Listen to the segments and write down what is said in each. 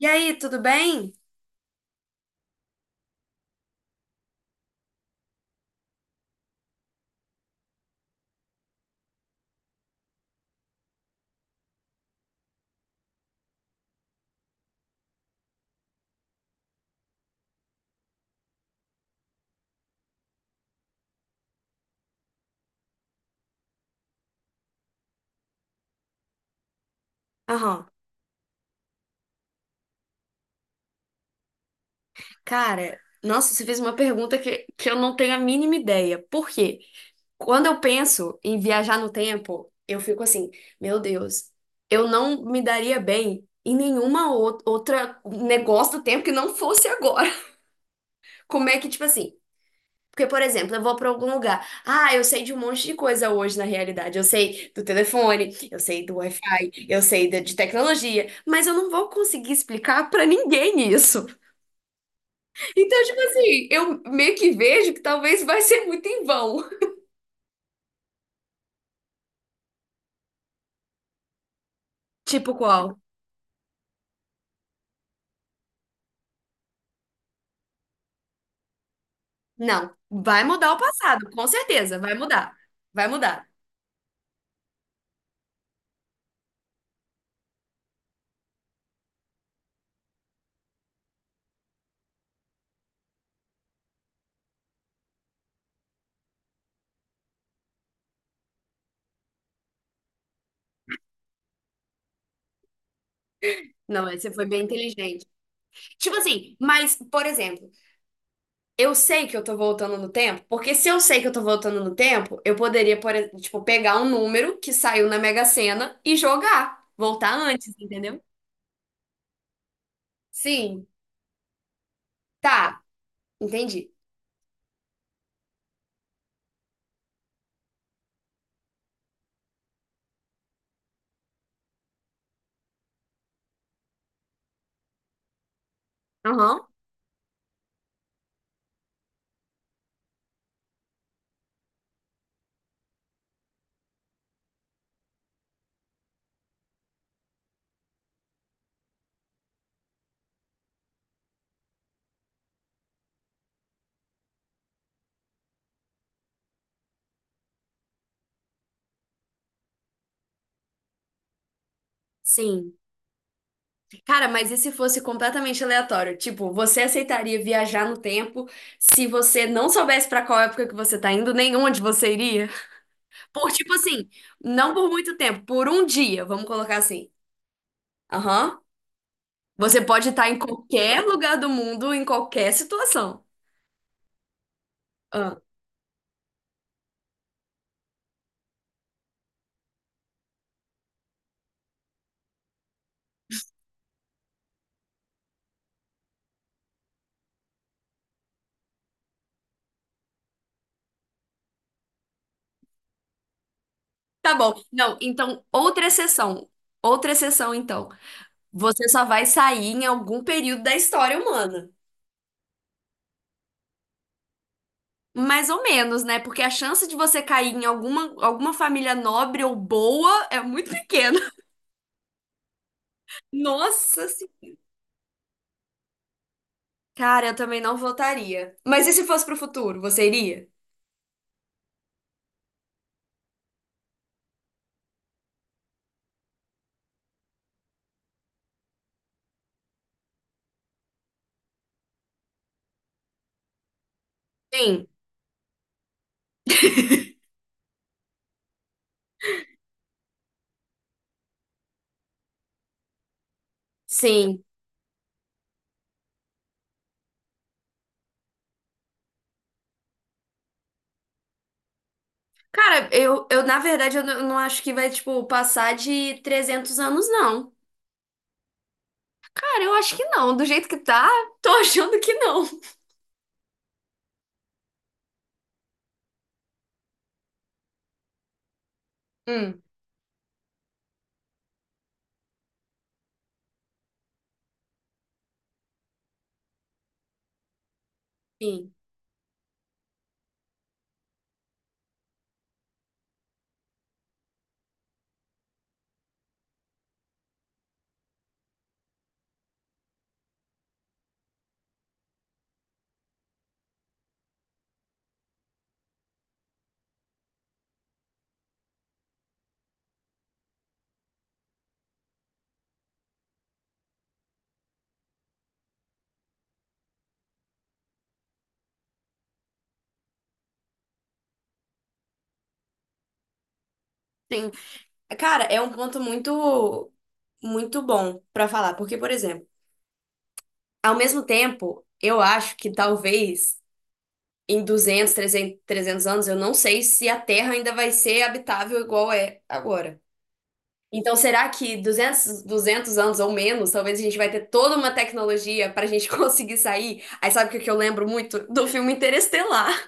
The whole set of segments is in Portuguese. E aí, tudo bem? Aham. Cara, nossa, você fez uma pergunta que eu não tenho a mínima ideia. Por quê? Quando eu penso em viajar no tempo, eu fico assim, meu Deus, eu não me daria bem em nenhuma outra negócio do tempo que não fosse agora. Como é que, tipo assim? Porque, por exemplo, eu vou pra algum lugar. Ah, eu sei de um monte de coisa hoje na realidade. Eu sei do telefone, eu sei do Wi-Fi, eu sei de tecnologia, mas eu não vou conseguir explicar pra ninguém isso. Então, tipo assim, eu meio que vejo que talvez vai ser muito em vão. Tipo qual? Não, vai mudar o passado, com certeza, vai mudar. Vai mudar. Não, você foi bem inteligente. Tipo assim, mas, por exemplo, eu sei que eu tô voltando no tempo, porque se eu sei que eu tô voltando no tempo, eu poderia, por exemplo, tipo, pegar um número que saiu na Mega Sena e jogar. Voltar antes, entendeu? Sim. Tá, entendi. Aham. Sim. Cara, mas e se fosse completamente aleatório? Tipo, você aceitaria viajar no tempo se você não soubesse pra qual época que você tá indo, nem onde você iria? Por, tipo assim, não por muito tempo, por um dia, vamos colocar assim. Aham. Você pode estar em qualquer lugar do mundo, em qualquer situação. Ah, tá bom. Não, então, outra exceção. Outra exceção, então. Você só vai sair em algum período da história humana. Mais ou menos, né? Porque a chance de você cair em alguma, alguma família nobre ou boa é muito pequena. Nossa senhora. Cara, eu também não votaria. Mas e se fosse pro futuro, você iria? Sim, sim. Cara, eu na verdade, eu não acho que vai, tipo, passar de 300 anos, não. Cara, eu acho que não. Do jeito que tá, tô achando que não. Hum, sim, sim. Cara, é um ponto muito, muito bom pra falar. Porque, por exemplo, ao mesmo tempo, eu acho que talvez em 200, trezentos anos, eu não sei se a Terra ainda vai ser habitável igual é agora. Então, será que duzentos anos ou menos, talvez a gente vai ter toda uma tecnologia para a gente conseguir sair? Aí sabe o que que eu lembro muito? Do filme Interestelar.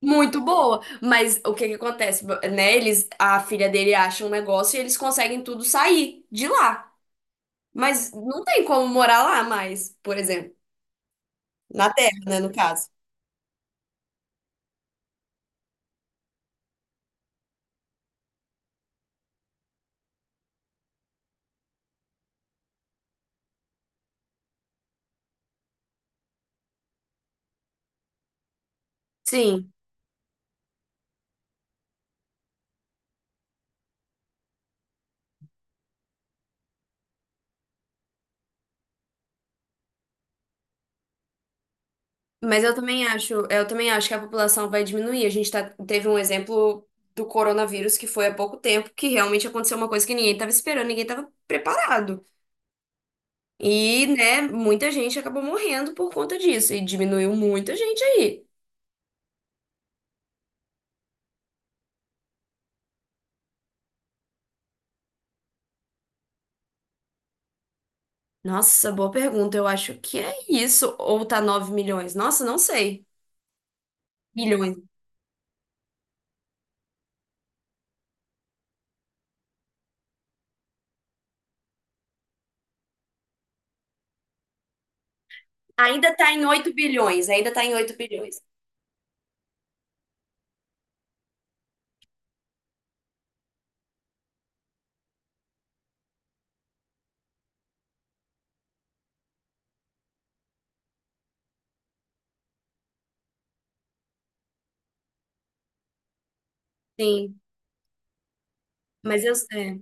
Muito boa, mas o que que acontece, né? Eles, a filha dele acha um negócio e eles conseguem tudo sair de lá. Mas não tem como morar lá mais, por exemplo, na Terra, né, no caso. Sim. Mas eu também acho que a população vai diminuir. A gente tá, teve um exemplo do coronavírus que foi há pouco tempo, que realmente aconteceu uma coisa que ninguém estava esperando, ninguém estava preparado. E, né, muita gente acabou morrendo por conta disso, e diminuiu muita gente aí. Nossa, boa pergunta. Eu acho que é isso. Ou tá 9 milhões? Nossa, não sei. Bilhões. Ainda tá em 8 bilhões, ainda tá em 8 bilhões. Sim, mas eu, é.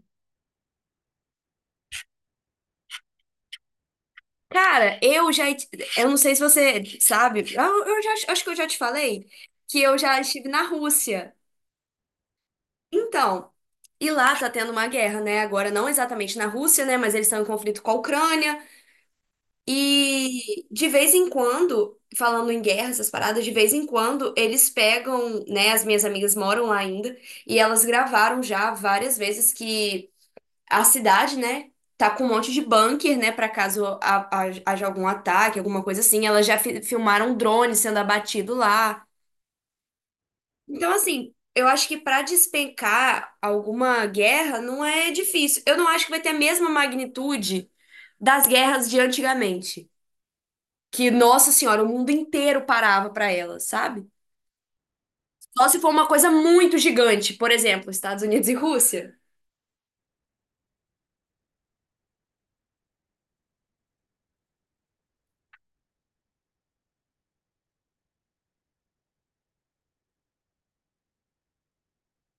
Cara, eu já. Eu não sei se você sabe, eu já, acho que eu já te falei que eu já estive na Rússia. Então, e lá tá tendo uma guerra, né? Agora, não exatamente na Rússia, né? Mas eles estão em conflito com a Ucrânia. E de vez em quando, falando em guerra, essas paradas, de vez em quando eles pegam, né? As minhas amigas moram lá ainda, e elas gravaram já várias vezes que a cidade, né, tá com um monte de bunker, né, pra caso haja algum ataque, alguma coisa assim. Elas já filmaram drone sendo abatido lá. Então, assim, eu acho que pra despencar alguma guerra não é difícil. Eu não acho que vai ter a mesma magnitude das guerras de antigamente, que, nossa senhora, o mundo inteiro parava pra elas, sabe? Só se for uma coisa muito gigante, por exemplo, Estados Unidos e Rússia.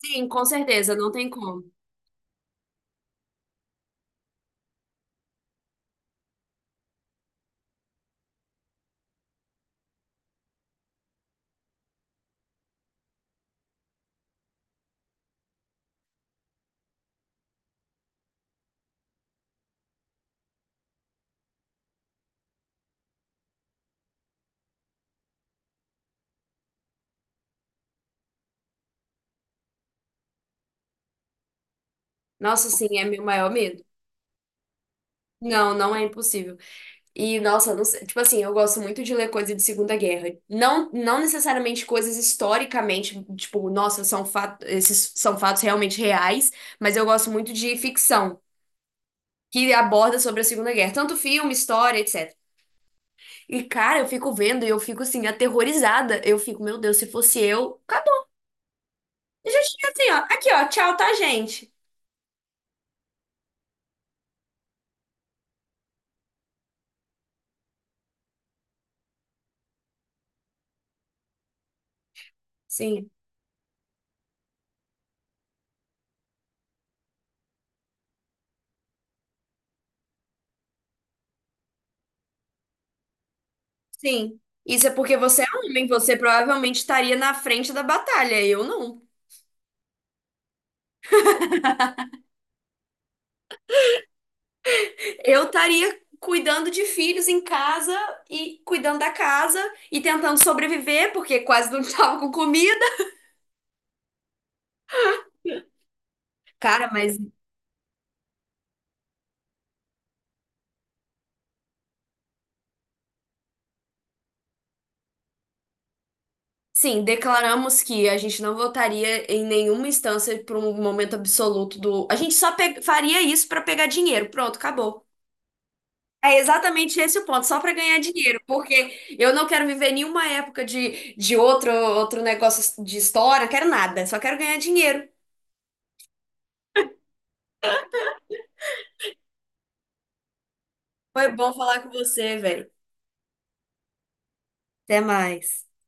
Sim, com certeza, não tem como. Nossa, sim, é meu maior medo. Não, não é impossível. E, nossa, não sei, tipo assim, eu gosto muito de ler coisa de Segunda Guerra. Não, não necessariamente coisas historicamente, tipo, nossa, são fatos, esses são fatos realmente reais, mas eu gosto muito de ficção que aborda sobre a Segunda Guerra, tanto filme, história, etc. E, cara, eu fico vendo e eu fico assim, aterrorizada. Eu fico, meu Deus, se fosse eu, acabou. Eu já tinha assim, ó, aqui, ó, tchau, tá, gente? Sim, sim. Isso é porque você é homem, você provavelmente estaria na frente da batalha, eu não. Eu estaria cuidando de filhos em casa e cuidando da casa e tentando sobreviver, porque quase não estava com comida. Cara, mas sim, declaramos que a gente não votaria em nenhuma instância por um momento absoluto do. A gente só faria isso para pegar dinheiro. Pronto, acabou. É exatamente esse o ponto, só para ganhar dinheiro, porque eu não quero viver nenhuma época de outro negócio de história, quero nada, só quero ganhar dinheiro. Foi bom falar com você, velho. Até mais.